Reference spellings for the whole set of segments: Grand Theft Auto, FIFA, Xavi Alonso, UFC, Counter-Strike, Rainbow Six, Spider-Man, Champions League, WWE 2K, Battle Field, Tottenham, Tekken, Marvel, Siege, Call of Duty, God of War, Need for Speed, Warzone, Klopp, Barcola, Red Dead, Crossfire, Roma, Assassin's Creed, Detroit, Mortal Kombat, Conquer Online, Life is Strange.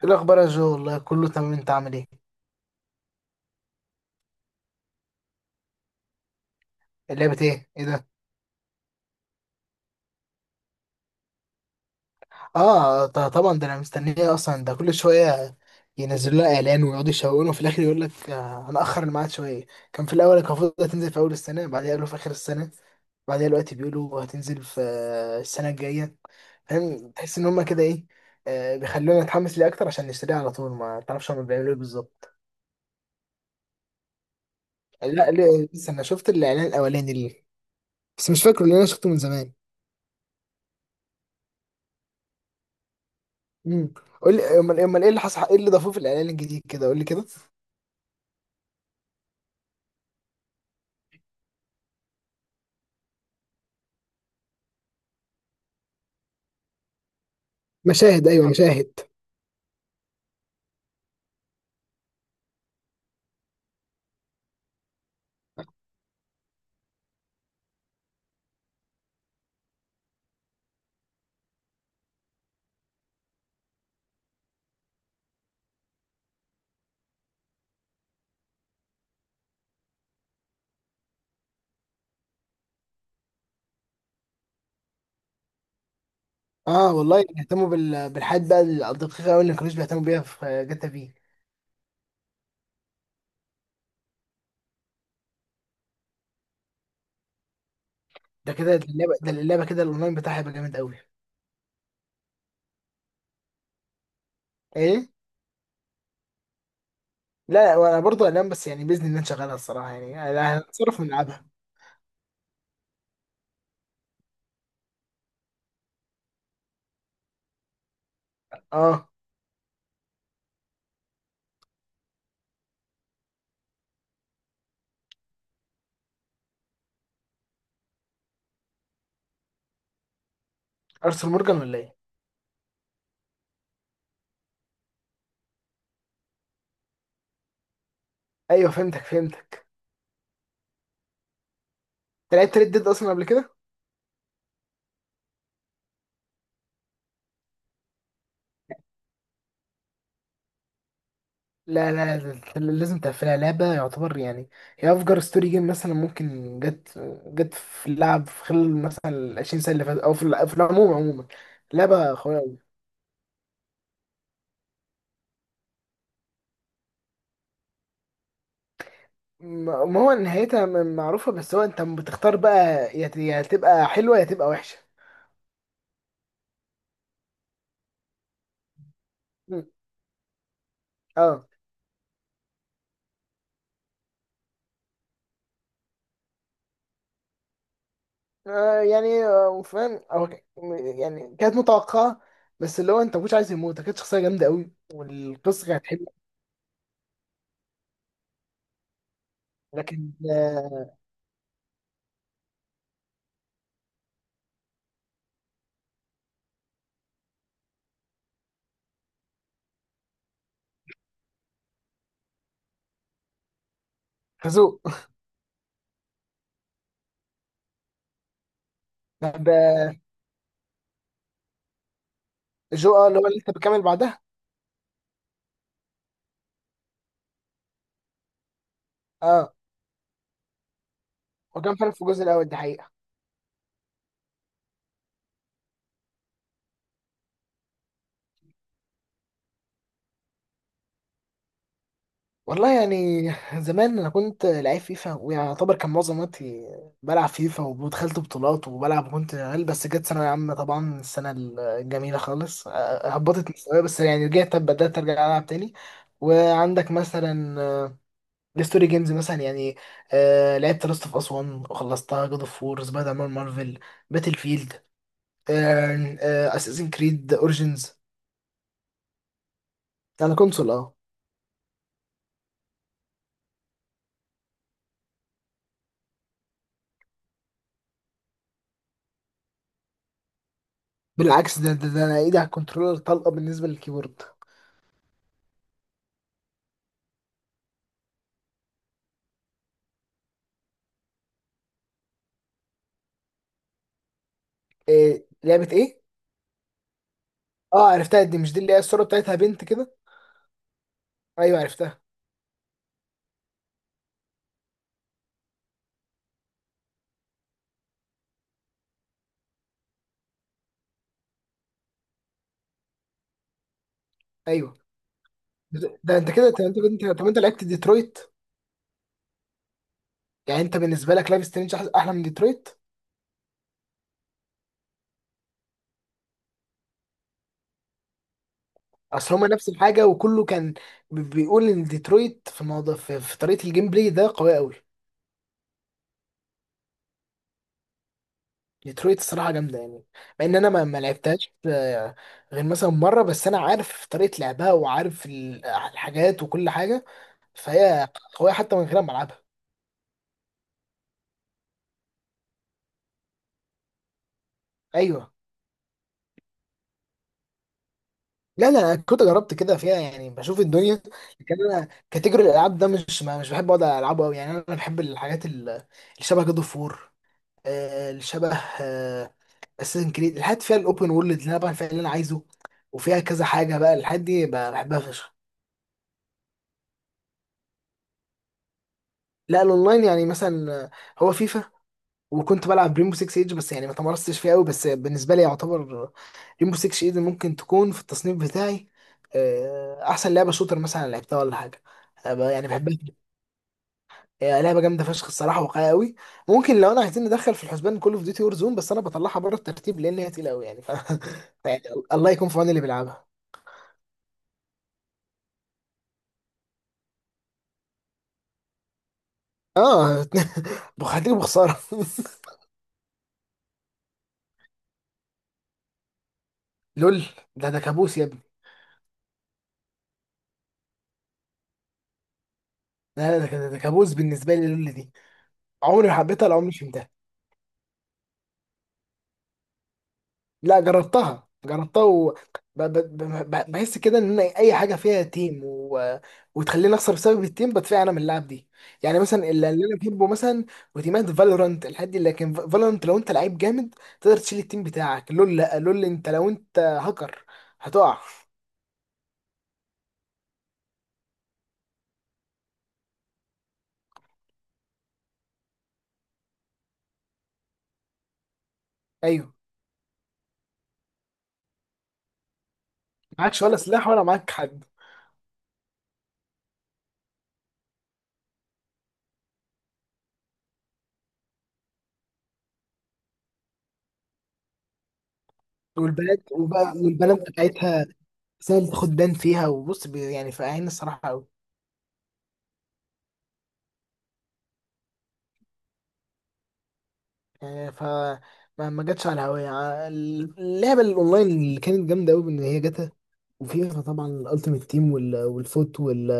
ايه الاخبار يا جو؟ والله كله تمام، انت عامل ايه؟ اللعبه ايه؟ ايه ده؟ اه، طبعا، ده انا مستنيه اصلا، ده كل شويه ينزلوا لنا اعلان ويقعدوا يشوقونا، وفي الاخر يقول لك هنأخر الميعاد شويه. كان في الاول المفروض هتنزل في اول السنه، بعدين قالوا في اخر السنه، بعدين دلوقتي بيقولوا هتنزل في السنه الجايه. فاهم؟ تحس ان هما كده ايه، بيخلونا نتحمس ليه اكتر عشان نشتريه على طول، ما تعرفش هما بيعملوا ايه بالظبط. لا لسه انا شفت الاعلان الاولاني ليه، بس مش فاكره لان انا شفته من زمان. امم. قول لي، امال ايه اللي حصل، ايه اللي ضافوه في الاعلان الجديد كده؟ قول لي كده. مشاهد، ايوه مشاهد. اه والله، يعني بيهتموا بالحاجات بقى الدقيقه قوي اللي ما كانوش بيهتموا بيها في جاتا في... ده كده اللعبه ده اللعبه كده الاونلاين بتاعها هيبقى جامد قوي. ايه؟ لا لا، وانا برضه هنام، بس يعني باذن الله نشغلها الصراحه، يعني أنا هنتصرف ونلعبها. اه. ارسل مورجان ولا ايه؟ ايوه، فهمتك. انت لعبت ريد ديد اصلا قبل كده؟ لا لا لا، لازم تقفلها، لعبة يعتبر يعني. هي أفجر ستوري جيم مثلا، ممكن جت في اللعب في خلال مثلا 20 سنة اللي فاتت، أو في في العموم، عموما، لعبة قوية أوي. ما هو نهايتها معروفة، بس هو أنت بتختار بقى، يا يا تبقى حلوة يا تبقى وحشة. م. أه. يعني فاهم أو يعني كانت متوقعة، بس اللي هو أنت مش عايز يموت، كانت شخصية جامدة أوي، والقصة كانت حلوة. لكن خازوق. ده جو، اللي هو اللي أنت بتكمل بعدها. آه. وكان فعلا في الجزء الاول، دي حقيقه. والله يعني، زمان انا كنت لعيب فيفا، ويعتبر كان معظم وقتي بلعب فيفا، ودخلت بطولات وبلعب، وكنت عيل، بس جت ثانوية عامة طبعا السنة الجميلة خالص، هبطت مستواي، بس يعني رجعت، بدأت ارجع العب تاني. وعندك مثلا الستوري جيمز مثلا يعني، أه لعبت لاست اوف اس 1 وخلصتها، جود اوف وور، سبايدر مان مارفل، باتل فيلد، اساسن كريد اوريجينز. على كونسول اه. بالعكس، ده انا ايدي على الكنترولر طلقه بالنسبه للكيبورد. إيه؟ لعبه ايه؟ اه عرفتها، دي مش دي اللي هي الصوره بتاعتها بنت كده؟ ايوه عرفتها. ايوه، ده انت كده، طب انت لعبت ديترويت؟ يعني انت بالنسبه لك لايف سترينج احلى من ديترويت؟ اصل هما نفس الحاجه، وكله كان بيقول ان ديترويت في الموضوع في طريقه الجيم بلاي ده قويه قوي. ديترويت الصراحه جامده يعني، مع ان انا ما لعبتهاش غير مثلا مره، بس انا عارف طريقه لعبها وعارف الحاجات وكل حاجه. فهي قوية حتى من غير ما ألعبها. أيوه. لا لا، أنا كنت جربت كده فيها يعني، بشوف الدنيا، لكن أنا كاتيجوري الألعاب ده مش، ما مش بحب أقعد ألعبه أوي يعني، أنا بحب الحاجات اللي شبه جاد أوف وور، اللي شبه أساسن كريد، الحاجات فيها الأوبن وورلد اللي أنا بعمل فيها اللي أنا عايزه، وفيها كذا حاجة بقى، الحاجات دي بحبها فشخ. لا، الأونلاين يعني مثلا هو فيفا، وكنت بلعب ريمبو 6 ايج، بس يعني ما تمرستش فيها قوي، بس بالنسبه لي يعتبر ريمبو 6 ايدن ممكن تكون في التصنيف بتاعي احسن لعبه شوتر مثلا لعبتها ولا حاجه. أنا يعني بحبها جداً. هي لعبه جامده فشخ الصراحه، واقعيه قوي. ممكن، لو انا عايزين ندخل في الحسبان كول اوف ديوتي وور زون، بس انا بطلعها بره الترتيب لان هي تقيله قوي يعني، يعني الله يكون في عون اللي بيلعبها. اه بخاطر بخساره. لول، ده كابوس يا ابني. لا لا، ده كابوس بالنسبه لي لول دي، عمري ما حبيتها ولا عمري فهمتها. لا جربتها جربتها و ب- ب- ب- ب- بحس كده ان أنا اي حاجه فيها تيم وتخليني اخسر بسبب التيم، بدفع انا من اللعب دي. يعني مثلا اللي انا بحبه مثلا، وتيمات فالورانت الحد دي، لكن فالورانت لو انت لعيب جامد تقدر تشيل التيم بتاعك، لول، لا لول، لو انت هاكر هتقع. ايوه، معكش ولا سلاح ولا معاك حد. والبنات، وبقى والبنات بتاعتها سهل تاخد بان فيها، وبص يعني فاهمين الصراحه قوي. يعني ف، ما جاتش على هواية اللعبة الأونلاين اللي كانت جامدة أوي، بإن هي جاتا، وفيفا طبعا الألتيميت تيم والفوت،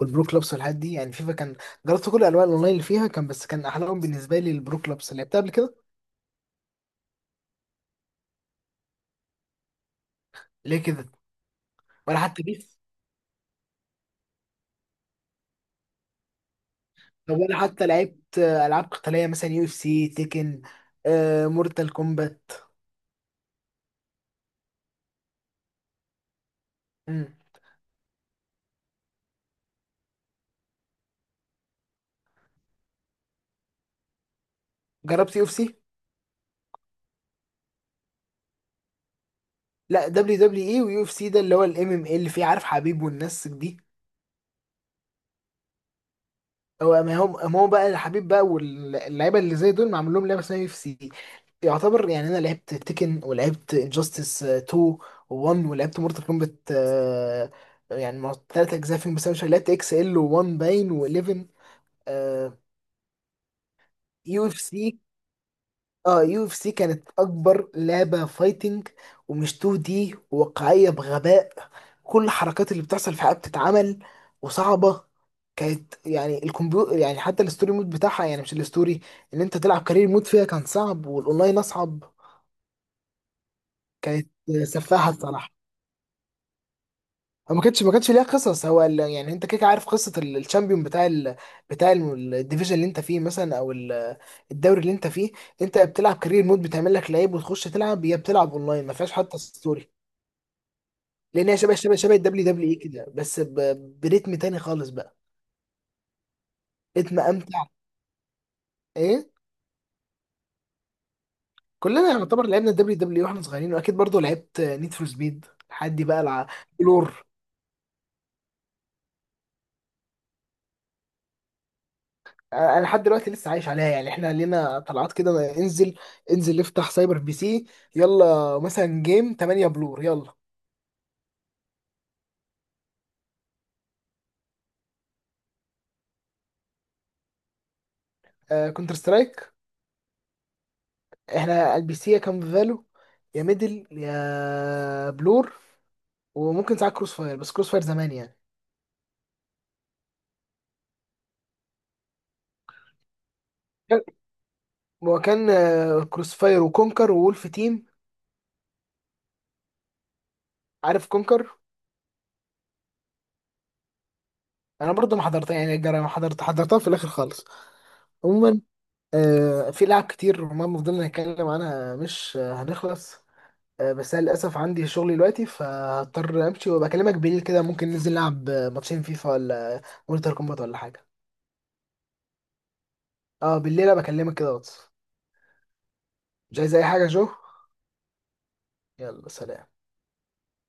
والبرو كلوبس والحاجات دي، يعني فيفا كان، جربت كل أنواع الأونلاين اللي فيها كان، بس كان أحلاهم بالنسبة لي البرو كلوبس، لعبتها قبل كده. ليه كده؟ ولا حتى بيس؟ طب ولا حتى لعبت ألعاب قتالية مثلا، يو اف سي، تيكن، مورتال كومبات؟ مم. جربت يو اف سي؟ لا، دبليو دبليو اي ويو اف سي، ده اللي هو الام ام اي اللي فيه عارف حبيب والناس دي. هو ما هو بقى الحبيب بقى، واللعيبه اللي زي دول معمول لهم لعبه اسمها يو سي. يعتبر يعني انا لعبت تيكن، ولعبت انجاستس 2 و1، ولعبت مورتال كومبات، يعني ثلاث اجزاء فيهم، بس انا مش لعبت اكس ال و1 باين و11. يو اف سي، اه يو اف سي كانت اكبر لعبه فايتنج، ومش 2 دي، وواقعيه بغباء. كل الحركات اللي بتحصل في حياتها بتتعمل، وصعبه. كانت يعني، الكمبيوتر يعني، حتى الستوري مود بتاعها، يعني مش الستوري ان انت تلعب كارير مود فيها، كان صعب، والاونلاين اصعب، كانت سفاحه الصراحه. ما كانتش ليها قصص، هو يعني انت كده كده عارف قصه الشامبيون بتاع الديفيجن اللي انت فيه مثلا، او الدوري اللي انت فيه. انت بتلعب كارير مود، بتعمل لك لعيب وتخش تلعب، هي بتلعب اونلاين ما فيهاش حتى ستوري. لان هي شبه الدبليو دبليو اي كده، بس بريتم تاني خالص بقى. ريتم امتع. ايه؟ كلنا يعتبر لعبنا الدبليو دبليو اي واحنا صغيرين، واكيد برضو لعبت نيد فور سبيد لحد بقى بلور. انا لحد دلوقتي لسه عايش عليها يعني، احنا لينا طلعات كده، ما انزل، انزل نفتح سايبر بي سي، يلا مثلا جيم 8 بلور، يلا. آه كونتر سترايك. احنا البي سي يا كام فالو، يا ميدل يا بلور، وممكن ساعات كروس فاير، بس كروس فاير زمان يعني. كان- هو كان كروس فاير وكونكر وولف تيم، عارف كونكر؟ انا برضو ما حضرتها يعني، ما حضرتها في الاخر خالص. عموما في لعب كتير وما فضلنا نتكلم عنها، مش هنخلص. بس انا للاسف عندي شغل دلوقتي، فهضطر امشي، وبكلمك بالليل كده، ممكن ننزل نلعب ماتشين فيفا، ولا مورتال كومبات، ولا حاجه. اه بالليل، بكلمك كده واتس. مش عايز اي حاجه يا جو. يلا سلام.